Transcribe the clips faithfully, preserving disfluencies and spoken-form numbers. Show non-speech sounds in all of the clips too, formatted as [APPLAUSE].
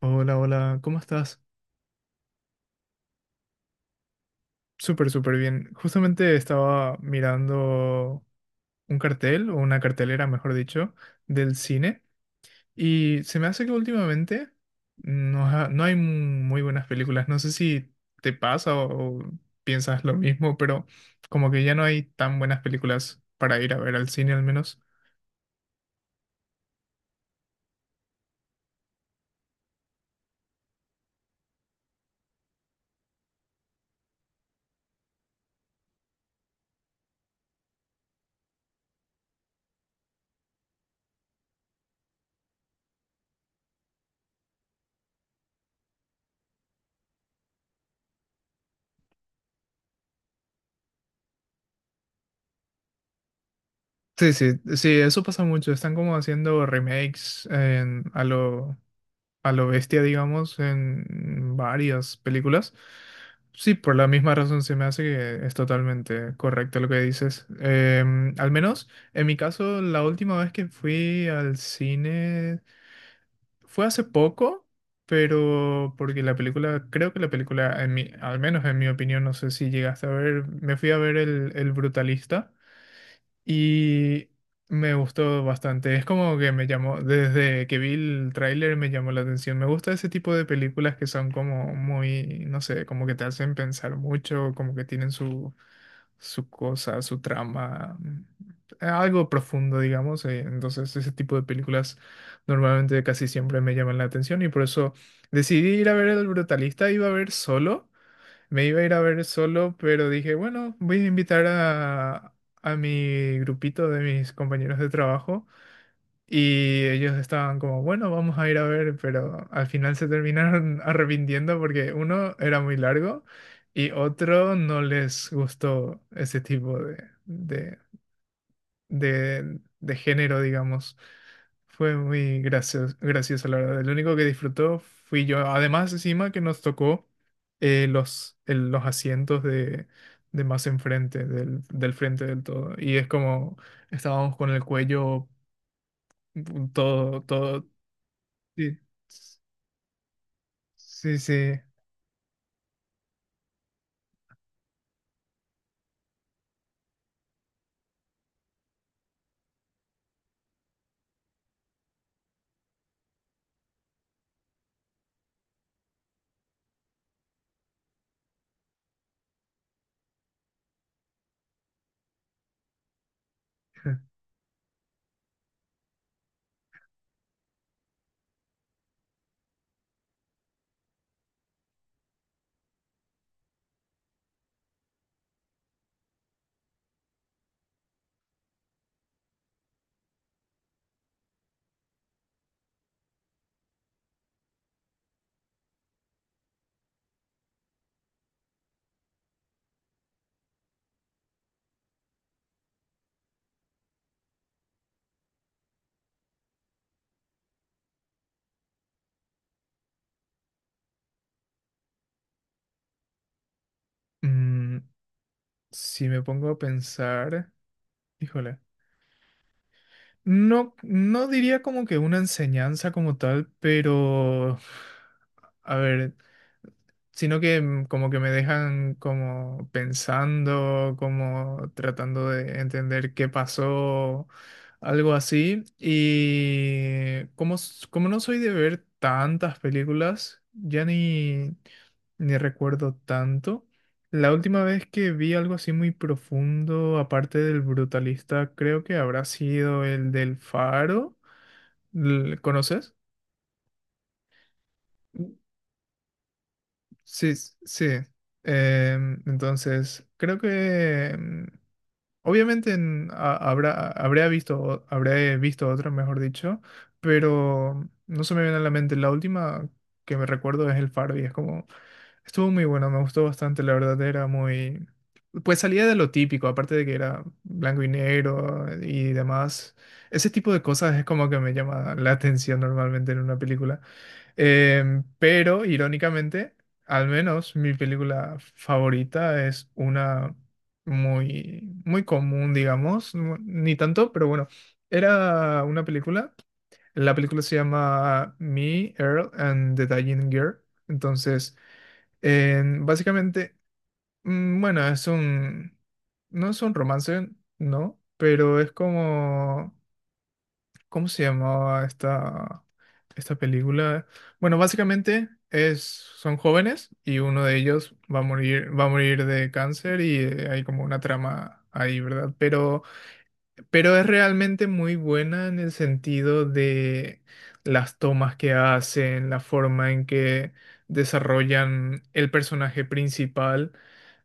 Hola, hola, ¿cómo estás? Súper, súper bien. Justamente estaba mirando un cartel, o una cartelera, mejor dicho, del cine, y se me hace que últimamente no, ha- no hay muy buenas películas. No sé si te pasa o, o piensas lo mismo, pero como que ya no hay tan buenas películas para ir a ver al cine al menos. Sí, sí, sí, eso pasa mucho. Están como haciendo remakes en- a lo, a lo bestia, digamos, en varias películas. Sí, por la misma razón se me hace que es totalmente correcto lo que dices. Em, al menos en mi caso, la última vez que fui al cine fue hace poco, pero porque la película, creo que la película, en mi, al menos en mi opinión, no sé si llegaste a ver, me fui a ver El, el Brutalista. Y me gustó bastante. Es como que me llamó, desde que vi el tráiler me llamó la atención. Me gusta ese tipo de películas que son como muy, no sé, como que te hacen pensar mucho, como que tienen su, su cosa, su trama, eh, algo profundo, digamos. eh, Entonces ese tipo de películas normalmente casi siempre me llaman la atención y por eso decidí ir a ver El Brutalista. Iba a ver solo. Me iba a ir a ver solo, pero dije, bueno, voy a invitar a, a mi grupito de mis compañeros de trabajo. Y ellos estaban como, bueno, vamos a ir a ver, pero al final se terminaron [LAUGHS] arrepintiendo porque uno era muy largo y otro no les gustó ese tipo de, de de, de género, digamos. Fue muy gracioso, gracioso, la verdad. Lo único que disfrutó fui yo. Además, encima que nos tocó eh, los, el- los asientos de, de más enfrente, del, del frente del todo. Y es como estábamos con el cuello mm, todo, todo. Sí, sí, sí. Mm, si me pongo a pensar, híjole. No, no diría como que una enseñanza como tal, pero a ver, sino que mm, como que me dejan como pensando, como tratando de entender qué pasó, algo así. Y como, s- como no soy de ver tantas películas, ya ni, ni recuerdo tanto. La última vez que vi algo así muy profundo, aparte del brutalista, creo que habrá sido el del Faro. ¿L- ¿Conoces? Mm. Sí, s- sí. Em, entonces, creo que em, obviamente en- ha- habrá, habría visto, o- habré visto otra, mejor dicho, pero no se me viene a la mente. La última que me recuerdo es el Faro y es como... Estuvo muy bueno, me gustó bastante, la verdad, era muy... Pues salía de lo típico, aparte de que era blanco y negro y demás. Ese tipo de cosas es como que me llama la atención normalmente en una película. Em, pero, irónicamente, al menos mi película favorita es una muy, muy común, digamos. no- Ni tanto, pero bueno. Era una película. La película se llama Me, Earl and the Dying Girl. Entonces... Eh, básicamente, mm, bueno, es un, no es un romance, ¿no? Pero es como, ¿cómo se llamaba esta, esta película? Bueno, básicamente es, son jóvenes y uno de ellos va a morir, va a morir de cáncer y eh, hay como una trama ahí, ¿verdad? Pero, pero es realmente muy buena en el sentido de las tomas que hacen, la forma en que desarrollan el personaje principal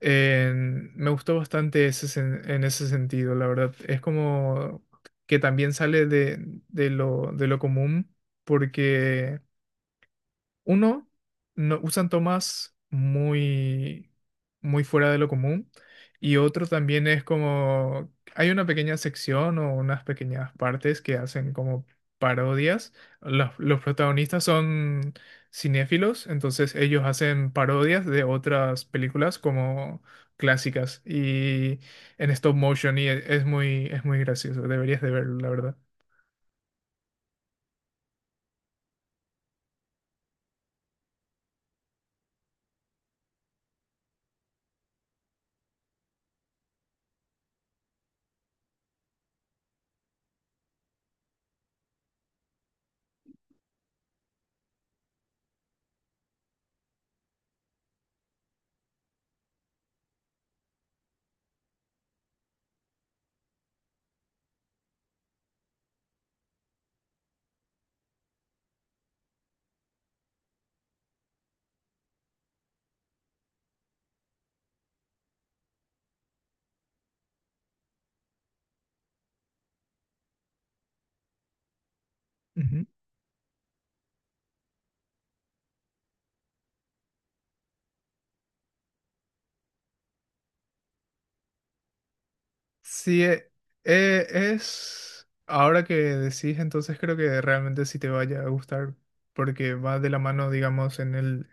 en- me gustó bastante ese sen- en ese sentido, la verdad. Es como que también sale de, de lo, de lo común, porque uno, no, usan tomas muy, muy fuera de lo común. Y otro también es como, hay una pequeña sección o unas pequeñas partes que hacen como parodias. Los, los protagonistas son cinéfilos, entonces ellos hacen parodias de otras películas como clásicas y en stop motion y e- es muy, es muy gracioso. Deberías de verlo, la verdad. Ujú. Sí, eh, eh, es... Ahora que decís, entonces creo que realmente sí te vaya a gustar, porque va de la mano, digamos, en el,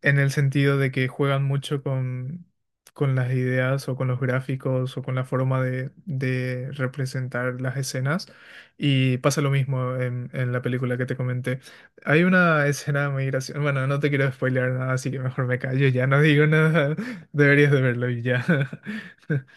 en el sentido de que juegan mucho con, con las ideas o con los gráficos o con la forma de, de representar las escenas. Y pasa lo mismo en, en la película que te comenté. Hay una escena muy graciosa. Bueno, no te quiero spoilear nada, así que mejor me callo, ya no digo nada. [LAUGHS] Deberías de verlo y ya. [LAUGHS]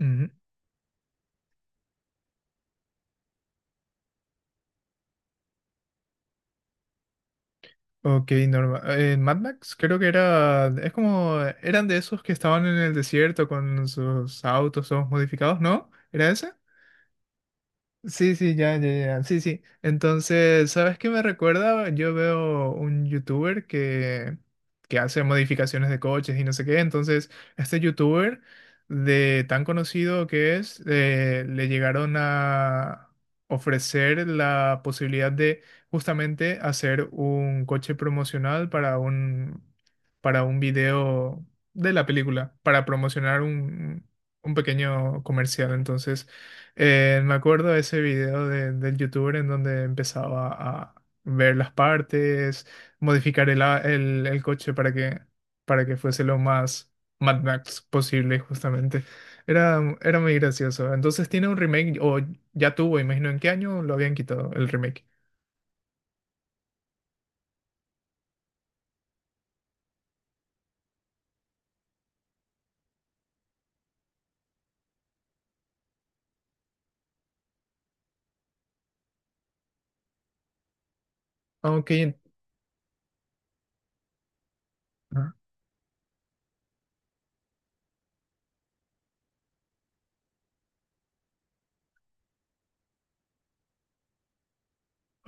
Ujú. Ok, normal. En Mad Max creo que era, es como, eran de esos que estaban en el desierto con sus autos todos modificados, ¿no? ¿Era ese? Sí, sí, ya, ya, ya, sí, sí. Entonces, ¿sabes qué me recuerda? Yo veo un youtuber que, que hace modificaciones de coches y no sé qué. Entonces, este youtuber, de tan conocido que es, eh, le llegaron a ofrecer la posibilidad de justamente hacer un coche promocional para un, para un video de la película, para promocionar un, un pequeño comercial. Entonces, eh, me acuerdo de ese video de- del youtuber en donde empezaba a ver las partes, modificar el, a- el- el coche para que, para que fuese lo más Mad Max posible, justamente. Era, era muy gracioso. Entonces tiene un remake, o ya tuvo, imagino en qué año lo habían quitado el remake. Ah, ok,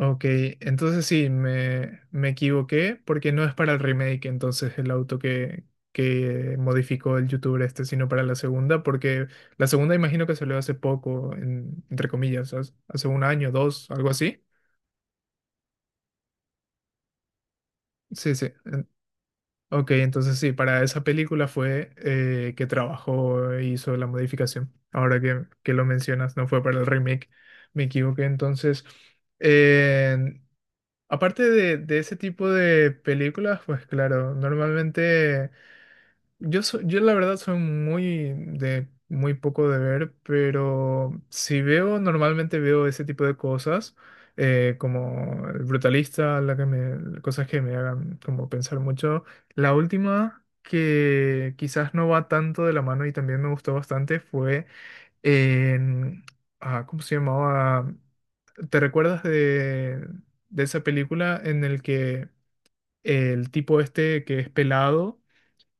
ok, entonces sí, me, me equivoqué porque no es para el remake, entonces el auto que, que modificó el youtuber este, sino para la segunda, porque la segunda imagino que salió hace poco, en- entre comillas, hace hace un año, dos, algo así. Sí, sí. en- Ok, entonces sí, para esa película fue eh, que trabajó e hizo la modificación. Ahora que, que lo mencionas, no fue para el remake, me equivoqué entonces. Aparte de, de ese tipo de películas, pues claro, normalmente yo so- yo la verdad soy muy de muy poco de ver, pero si veo, normalmente veo ese tipo de cosas, eh, como El Brutalista, la que me, cosas que me hagan como pensar mucho. La última que quizás no va tanto de la mano y también me gustó bastante fue en- ah, ¿cómo se llamaba? ¿Te recuerdas de, de esa película en el que el tipo este que es pelado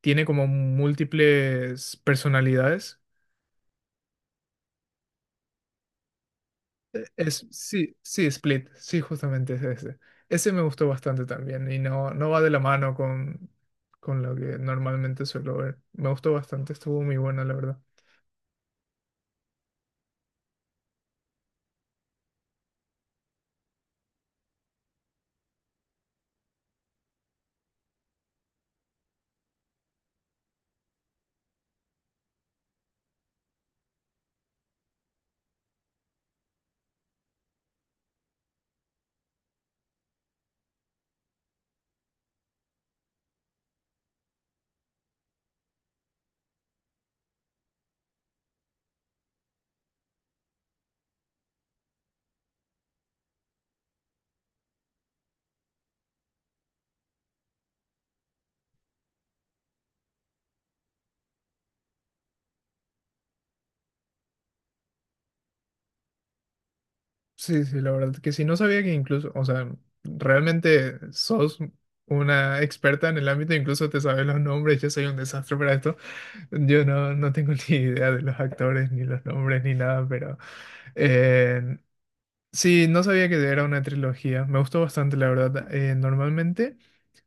tiene como múltiples personalidades? Es, sí, sí, Split, sí, justamente es ese. Ese me gustó bastante también y no, no va de la mano con, con lo que normalmente suelo ver. Me gustó bastante, estuvo muy buena, la verdad. Sí, sí, la verdad que sí, no sabía que incluso, o sea, realmente sos una experta en el ámbito, incluso te sabes los nombres, yo soy un desastre para esto, yo no, no tengo [LAUGHS] ni idea de los actores, ni los nombres, ni nada, pero eh, sí, no sabía que era una trilogía, me gustó bastante, la verdad. Eh, normalmente,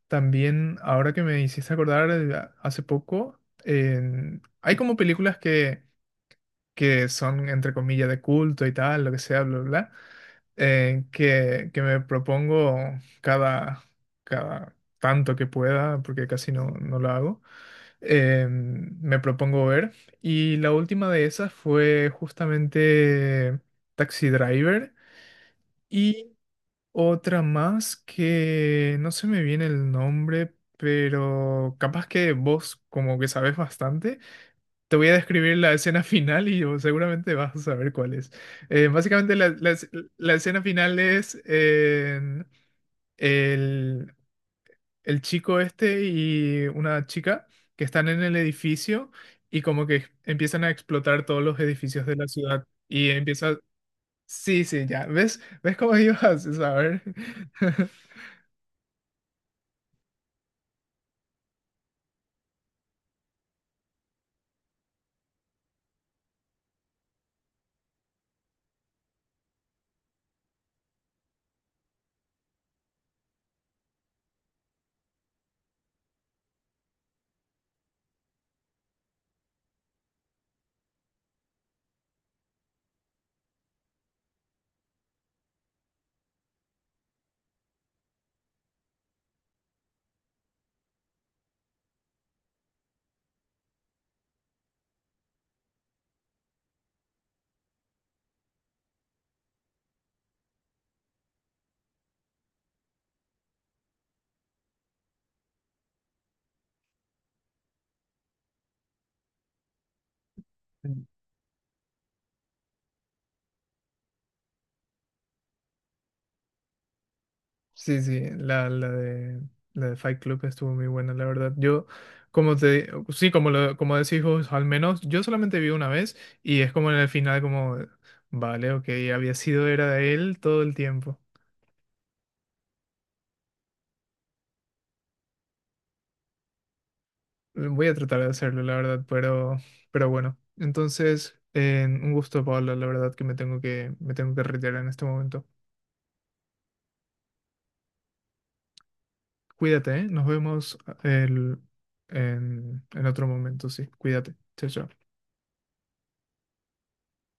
también, ahora que me hiciste acordar, eh, hace poco, en- hay como películas que, que son, entre comillas, de culto y tal, lo que sea, bla, bla. Bla, eh, que, que me propongo cada, cada tanto que pueda, porque casi no, no lo hago, eh, me propongo ver. Y la última de esas fue justamente Taxi Driver y otra más que no se me viene el nombre, pero capaz que vos como que sabes bastante. Te voy a describir la escena final y vos seguramente vas a saber cuál es. Eh, básicamente la, la es- la escena final es eh, el, el chico este y una chica que están en el edificio y como que empiezan a explotar todos los edificios de la ciudad y empieza... Sí, sí, ya. ¿Ves? ¿Ves cómo ibas a saber? [LAUGHS] Sí, sí, la, la de, la de Fight Club estuvo muy buena, la verdad. Yo, como te, sí, como, lo, como decís vos, al menos yo solamente vi una vez y es como en el final, como, vale, ok, había sido era de él todo el tiempo. Voy a tratar de hacerlo, la verdad, pero, pero bueno. Entonces, eh, un gusto, Pablo, la verdad que me tengo que, me tengo que retirar en este momento. Cuídate, ¿eh? Nos vemos eh, el- en, en otro momento, sí. Cuídate. Chao, chao.